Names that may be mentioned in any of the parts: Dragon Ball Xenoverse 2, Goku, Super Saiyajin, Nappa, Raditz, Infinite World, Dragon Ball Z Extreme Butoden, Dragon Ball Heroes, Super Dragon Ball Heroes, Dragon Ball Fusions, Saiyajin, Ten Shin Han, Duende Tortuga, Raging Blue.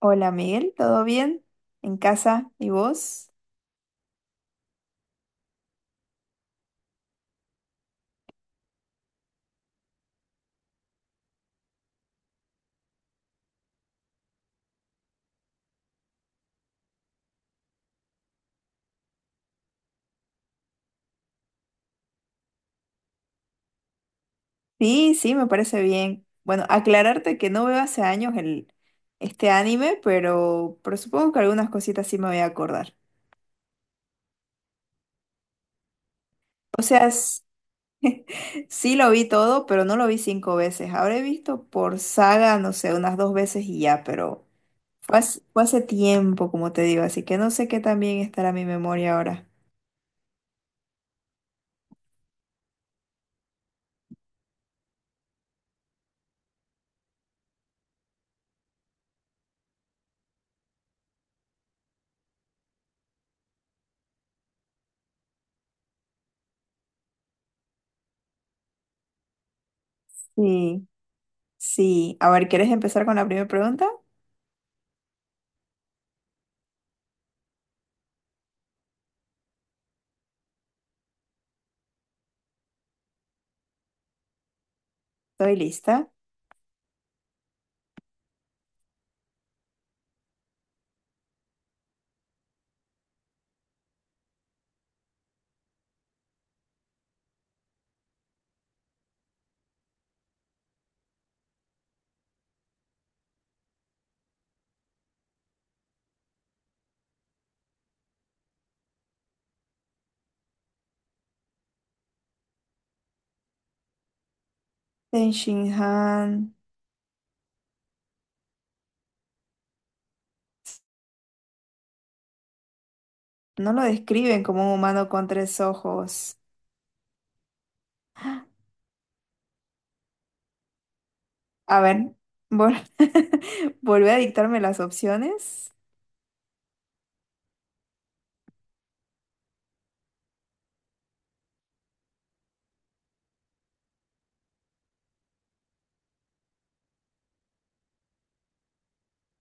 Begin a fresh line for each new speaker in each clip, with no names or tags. Hola Miguel, ¿todo bien? ¿En casa? ¿Y vos? Sí, sí, me parece bien. Bueno, aclararte que no veo hace años este anime, pero, supongo que algunas cositas sí me voy a acordar. O sea, sí lo vi todo, pero no lo vi cinco veces. Habré visto por saga, no sé, unas dos veces y ya, pero fue hace tiempo, como te digo, así que no sé qué tan bien estará mi memoria ahora. Sí, sí. A ver, ¿quieres empezar con la primera pregunta? Estoy lista. Ten Shin Han. No lo describen como un humano con tres ojos. A ver, vol volví a dictarme las opciones.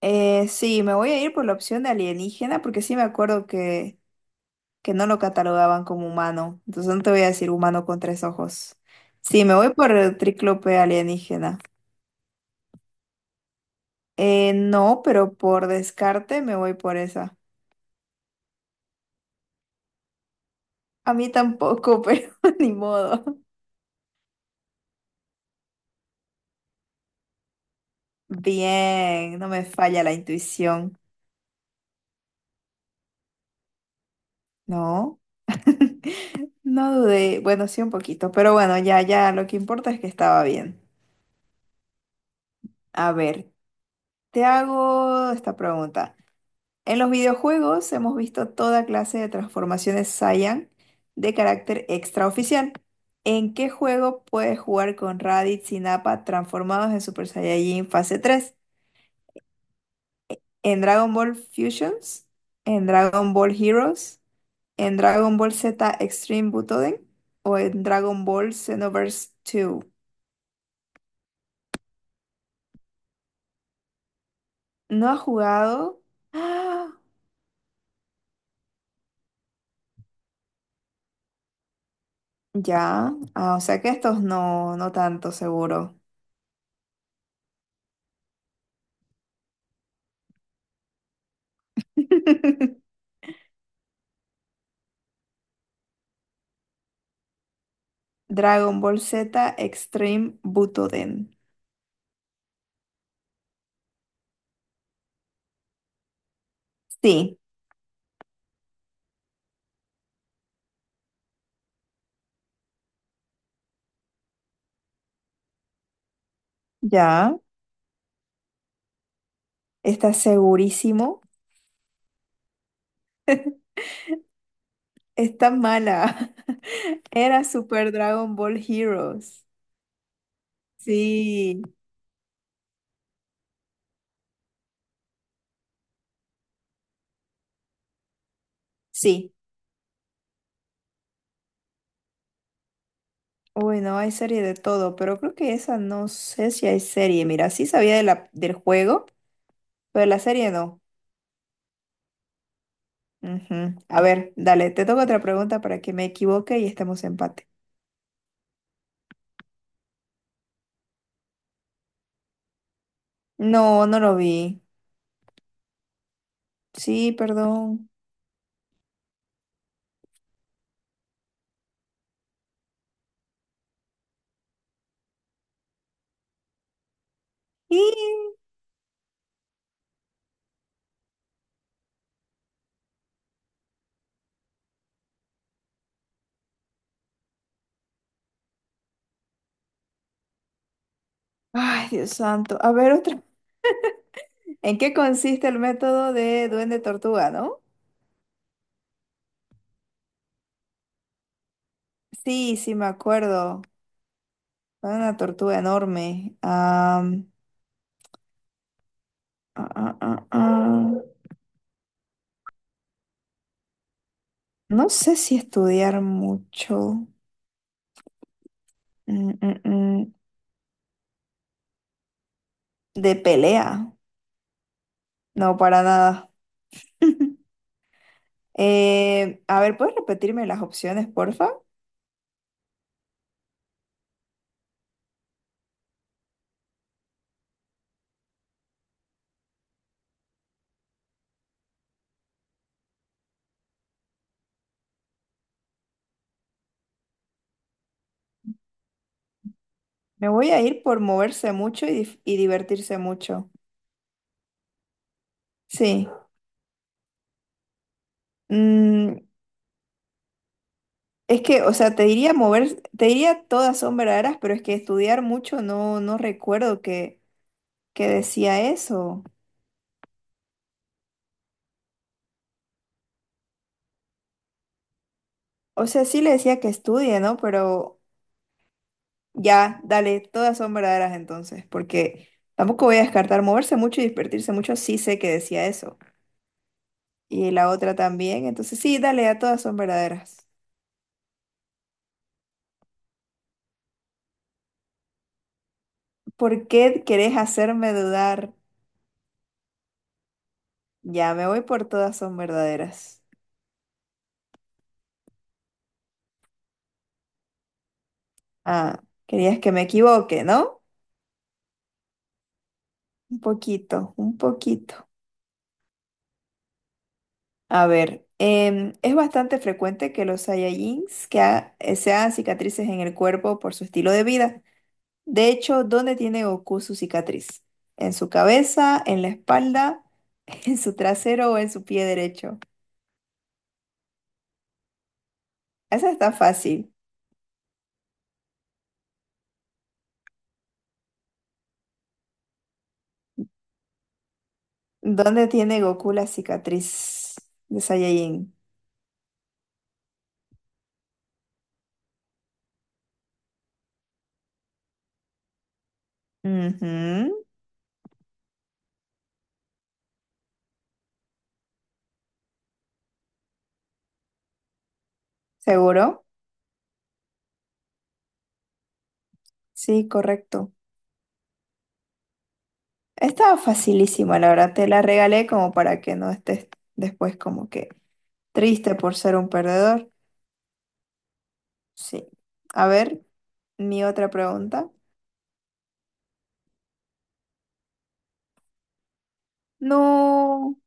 Sí, me voy a ir por la opción de alienígena porque sí me acuerdo que no lo catalogaban como humano. Entonces no te voy a decir humano con tres ojos. Sí, me voy por el tríclope alienígena. No, pero por descarte me voy por esa. A mí tampoco, pero ni modo. Bien, no me falla la intuición. No, no dudé. Bueno, sí un poquito, pero bueno, ya, ya, lo que importa es que estaba bien. A ver, te hago esta pregunta. En los videojuegos hemos visto toda clase de transformaciones Saiyan de carácter extraoficial. ¿En qué juego puedes jugar con Raditz y Nappa transformados en Super Saiyajin fase 3? ¿En Dragon Ball Fusions? ¿En Dragon Ball Heroes? ¿En Dragon Ball Z Extreme Butoden o en Dragon Ball Xenoverse 2? ¿No ha jugado? ¡Ah! Ya. Ah, o sea que estos no tanto seguro. Dragon Ball Z Extreme Butoden. Sí, ya. Está segurísimo. Está mala. Era Super Dragon Ball Heroes. Sí, sí. Bueno, hay serie de todo, pero creo que esa no sé si hay serie. Mira, sí sabía de del juego, pero de la serie no. Ujú. A ver, dale, te toca otra pregunta para que me equivoque y estemos en empate. No, no lo vi. Sí, perdón. Y... Ay, Dios santo. A ver, otra. ¿En qué consiste el método de Duende Tortuga, no? Sí, sí, me acuerdo. Era una tortuga enorme. Ah, ah, ah, ah. No sé si estudiar mucho. Mm, mm, mm. De pelea. No, para nada. A ver, ¿puedes repetirme las opciones, porfa? Me voy a ir por moverse mucho y, y divertirse mucho. Sí. Mm, es que, o sea, te diría mover, te diría todas son verdaderas, pero es que estudiar mucho no, no recuerdo que decía eso. O sea, sí le decía que estudie, ¿no? Pero ya, dale, todas son verdaderas entonces, porque tampoco voy a descartar moverse mucho y divertirse mucho, sí sé que decía eso. Y la otra también. Entonces, sí, dale, a todas son verdaderas. ¿Por qué querés hacerme dudar? Ya me voy por todas son verdaderas. Ah, querías que me equivoque, ¿no? Un poquito, un poquito. A ver, es bastante frecuente que los Saiyajins se hagan cicatrices en el cuerpo por su estilo de vida. De hecho, ¿dónde tiene Goku su cicatriz? ¿En su cabeza, en la espalda, en su trasero o en su pie derecho? Esa está fácil. ¿Dónde tiene Goku la cicatriz de Saiyajin? Ujú. ¿Seguro? Sí, correcto. Estaba facilísima, la verdad. Te la regalé como para que no estés después como que triste por ser un perdedor. Sí. A ver, mi otra pregunta. No,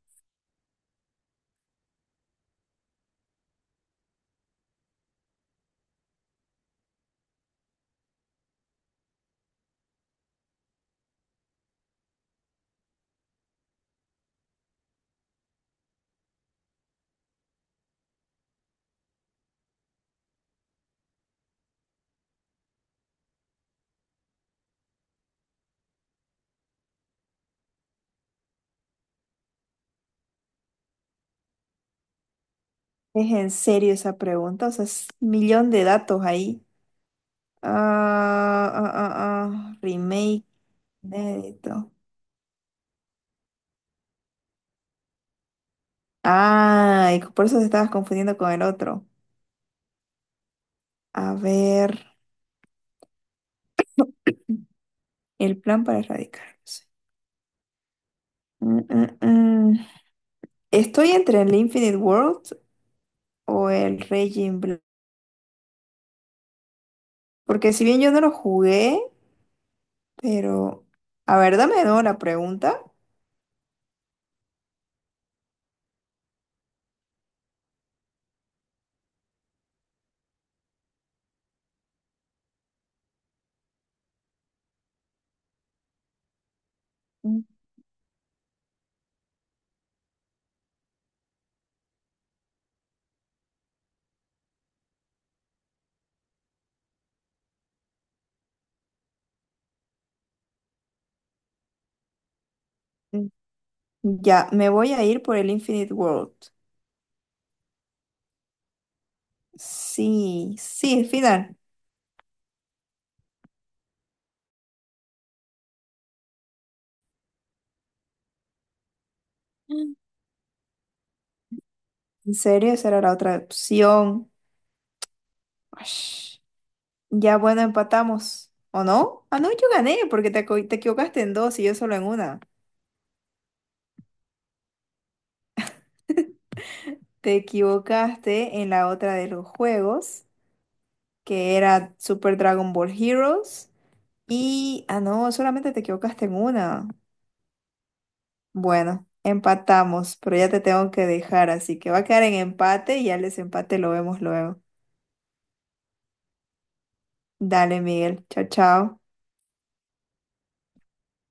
¿es en serio esa pregunta? O sea, es un millón de datos ahí. Ah, ah, ah, ah, remake, inédito. Ay, por eso te estabas confundiendo con el otro. A ver, el plan para erradicarlos. Mm, mm, mm. Estoy entre el Infinite World o el Raging Blue. Porque si bien yo no lo jugué, pero... A ver, dame de nuevo la pregunta. Mm, mm. Ya, me voy a ir por el Infinite World. Sí, sí, el final. Mm. ¿En serio? Esa era la otra opción. Ash. Ya, bueno, empatamos. ¿O no? Ah, no, yo gané porque te equivocaste en dos y yo solo en una. Te equivocaste en la otra de los juegos, que era Super Dragon Ball Heroes. Y, ah, no, solamente te equivocaste en una. Bueno, empatamos, pero ya te tengo que dejar, así que va a quedar en empate y ya el desempate lo vemos luego. Dale, Miguel. Chao, chao.